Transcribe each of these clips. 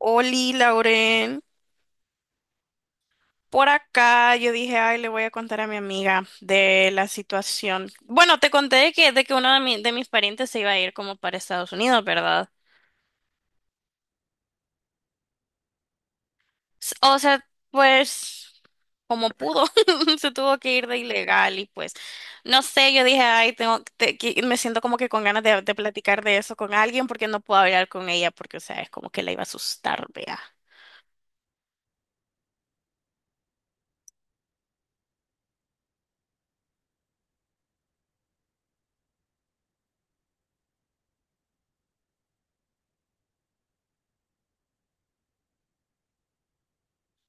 Oli, Lauren, por acá yo dije, ay, le voy a contar a mi amiga de la situación. Bueno, te conté de que uno de, de mis parientes se iba a ir como para Estados Unidos, ¿verdad? O sea, pues como pudo, se tuvo que ir de ilegal y pues, no sé, yo dije, ay, tengo, me siento como que con ganas de platicar de eso con alguien porque no puedo hablar con ella porque, o sea, es como que la iba a asustar, vea.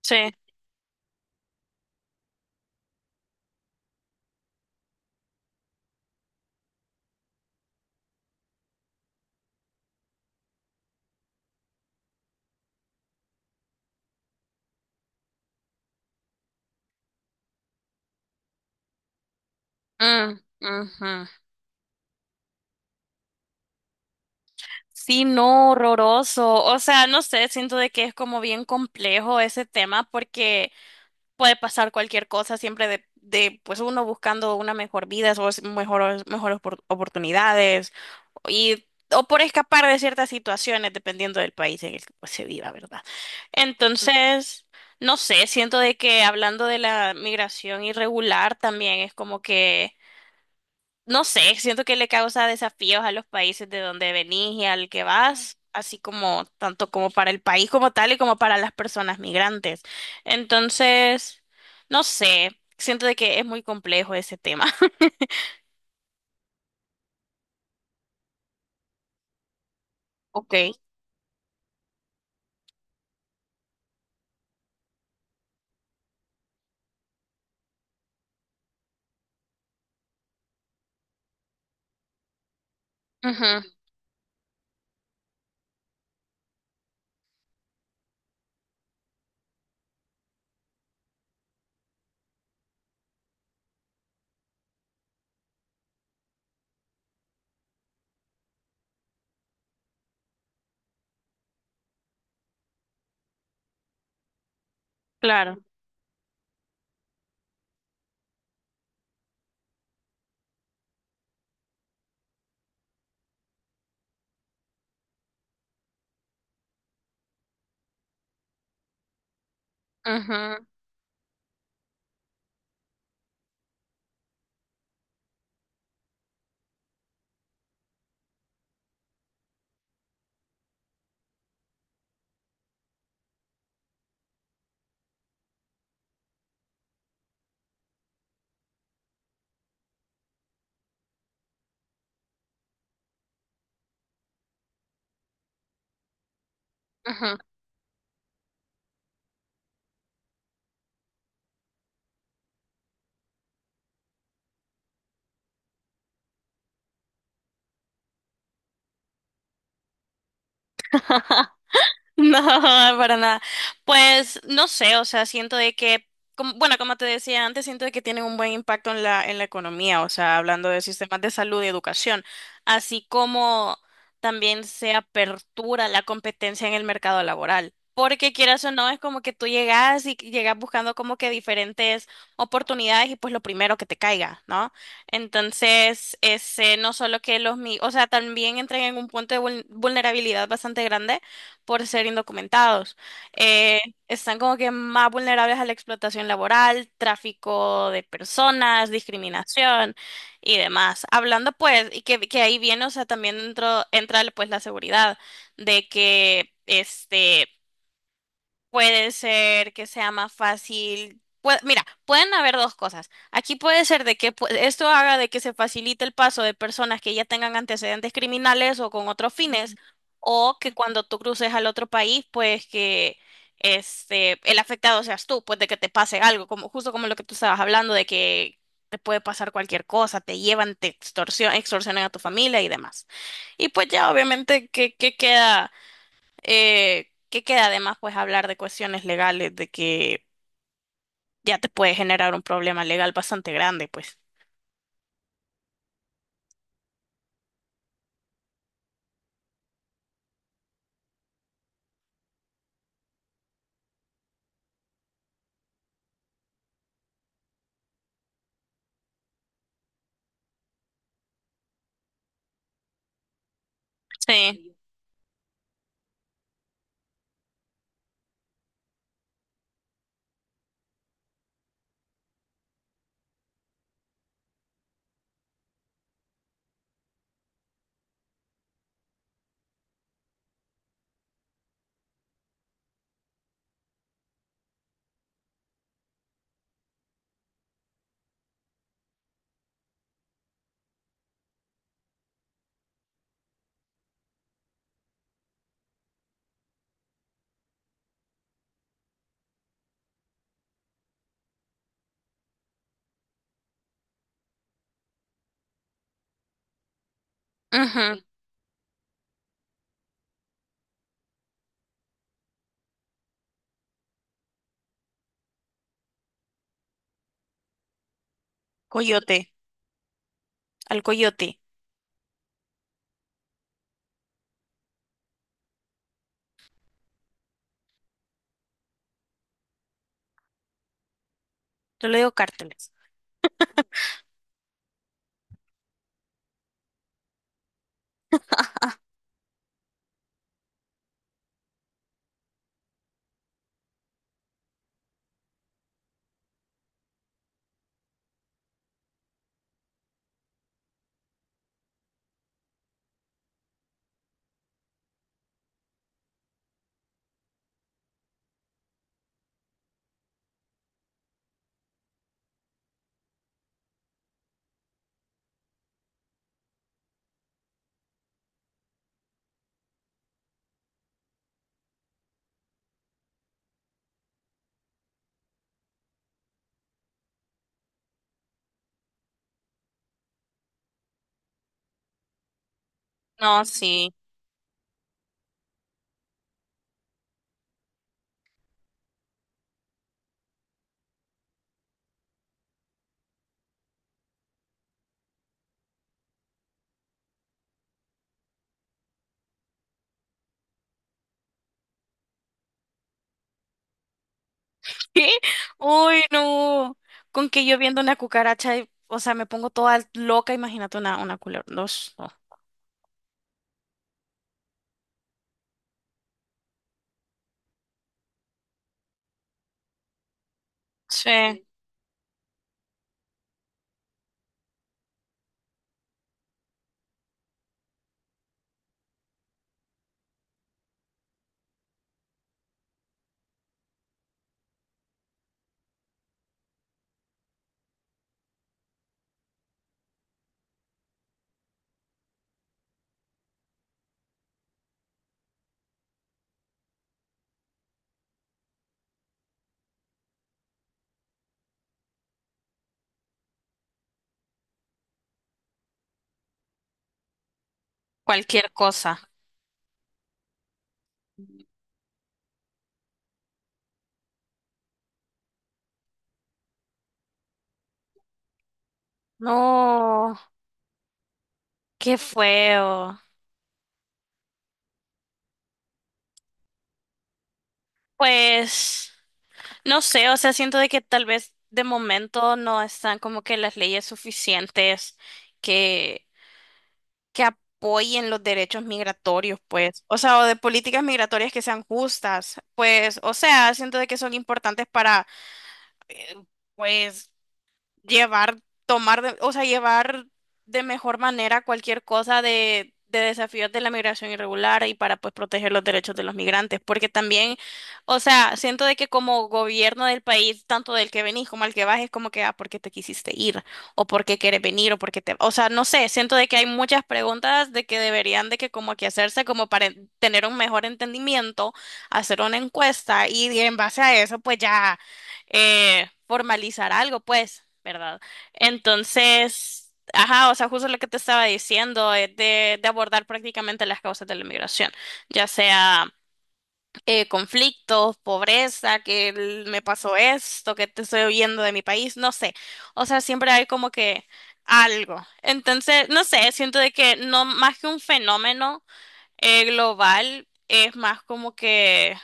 Sí. Mm, ujú. Sí, no, horroroso. O sea, no sé, siento de que es como bien complejo ese tema porque puede pasar cualquier cosa siempre de pues uno buscando una mejor vida o mejores oportunidades y o por escapar de ciertas situaciones dependiendo del país en el que pues, se viva, ¿verdad? Entonces, no sé, siento de que hablando de la migración irregular también es como que no sé, siento que le causa desafíos a los países de donde venís y al que vas, así como tanto como para el país como tal y como para las personas migrantes. Entonces, no sé, siento de que es muy complejo ese tema. Ok. Ujú, claro. Ujú, ujú. No, para nada. Pues no sé, o sea, siento de que, bueno, como te decía antes, siento de que tienen un buen impacto en la economía, o sea, hablando de sistemas de salud y educación, así como también se apertura la competencia en el mercado laboral. Porque quieras o no, es como que tú llegas y llegas buscando como que diferentes oportunidades y pues lo primero que te caiga, ¿no? Entonces, ese, no solo que los, o sea, también entran en un punto de vulnerabilidad bastante grande por ser indocumentados. Eh, están como que más vulnerables a la explotación laboral, tráfico de personas, discriminación y demás. Hablando pues, y que ahí viene, o sea, también dentro, entra pues la seguridad de que este puede ser que sea más fácil. Mira, pueden haber dos cosas. Aquí puede ser de que esto haga de que se facilite el paso de personas que ya tengan antecedentes criminales o con otros fines, o que cuando tú cruces al otro país, pues que este el afectado seas tú, pues de que te pase algo, como justo como lo que tú estabas hablando de que te puede pasar cualquier cosa, te llevan, te extorsionan a tu familia y demás. Y pues ya obviamente que queda que queda además pues hablar de cuestiones legales, de que ya te puede generar un problema legal bastante grande, pues. Sí. Ujú. Coyote, al coyote. Yo le digo cárteles. No, sí. ¿Qué? Uy, no. Con que yo viendo una cucaracha, o sea, me pongo toda loca, imagínate una culebra. No, no. Sí, cualquier cosa. No, qué feo. Pues. No sé, o sea, siento de que tal vez de momento no están como que las leyes suficientes que, que apoyen los derechos migratorios, pues, o sea, o de políticas migratorias que sean justas, pues, o sea, siento de que son importantes para, eh, pues, llevar, tomar, o sea, llevar de mejor manera cualquier cosa de desafíos de la migración irregular y para pues proteger los derechos de los migrantes, porque también, o sea, siento de que como gobierno del país, tanto del que venís como al que vas, es como que, ah, ¿por qué te quisiste ir? ¿O por qué quieres venir? ¿O por qué te...? O sea, no sé, siento de que hay muchas preguntas de que deberían de que como que hacerse como para tener un mejor entendimiento, hacer una encuesta y en base a eso pues ya formalizar algo, pues, ¿verdad? Entonces, ajá, o sea, justo lo que te estaba diciendo es de abordar prácticamente las causas de la migración, ya sea conflictos, pobreza, que me pasó esto, que te estoy huyendo de mi país, no sé. O sea, siempre hay como que algo. Entonces, no sé, siento de que no más que un fenómeno global, es más como que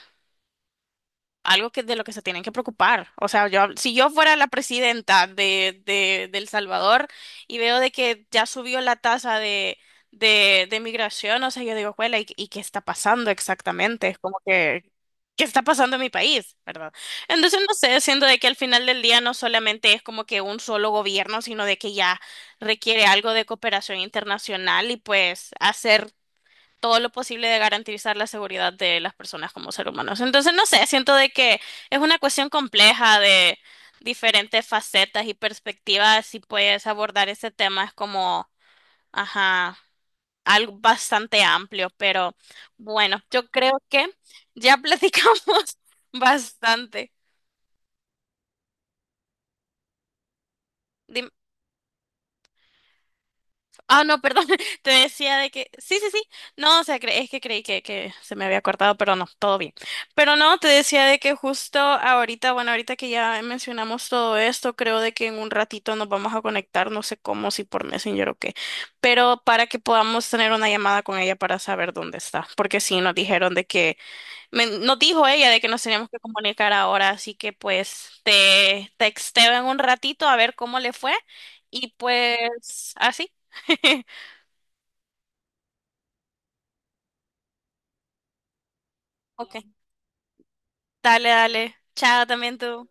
algo que de lo que se tienen que preocupar. O sea, yo, si yo fuera la presidenta de El Salvador y veo de que ya subió la tasa de migración, o sea, yo digo, "Juela, y qué está pasando exactamente? Es como que, ¿qué está pasando en mi país? ¿Verdad? Entonces, no sé, siendo de que al final del día no solamente es como que un solo gobierno, sino de que ya requiere algo de cooperación internacional y pues hacer todo lo posible de garantizar la seguridad de las personas como seres humanos. Entonces, no sé, siento de que es una cuestión compleja de diferentes facetas y perspectivas y puedes abordar ese tema es como, ajá, algo bastante amplio, pero bueno, yo creo que ya platicamos bastante. Dime. Ah, no, perdón, te decía de que sí, sí, sí. No, o sea, es que creí que se me había cortado, pero no, todo bien. Pero no, te decía de que justo ahorita, bueno, ahorita que ya mencionamos todo esto, creo de que en un ratito nos vamos a conectar, no sé cómo, si por Messenger o qué, pero para que podamos tener una llamada con ella para saber dónde está, porque sí nos dijeron de que, nos dijo ella de que nos teníamos que comunicar ahora, así que pues te texteo en un ratito a ver cómo le fue y pues así. Ok, dale, dale. Chao también tú.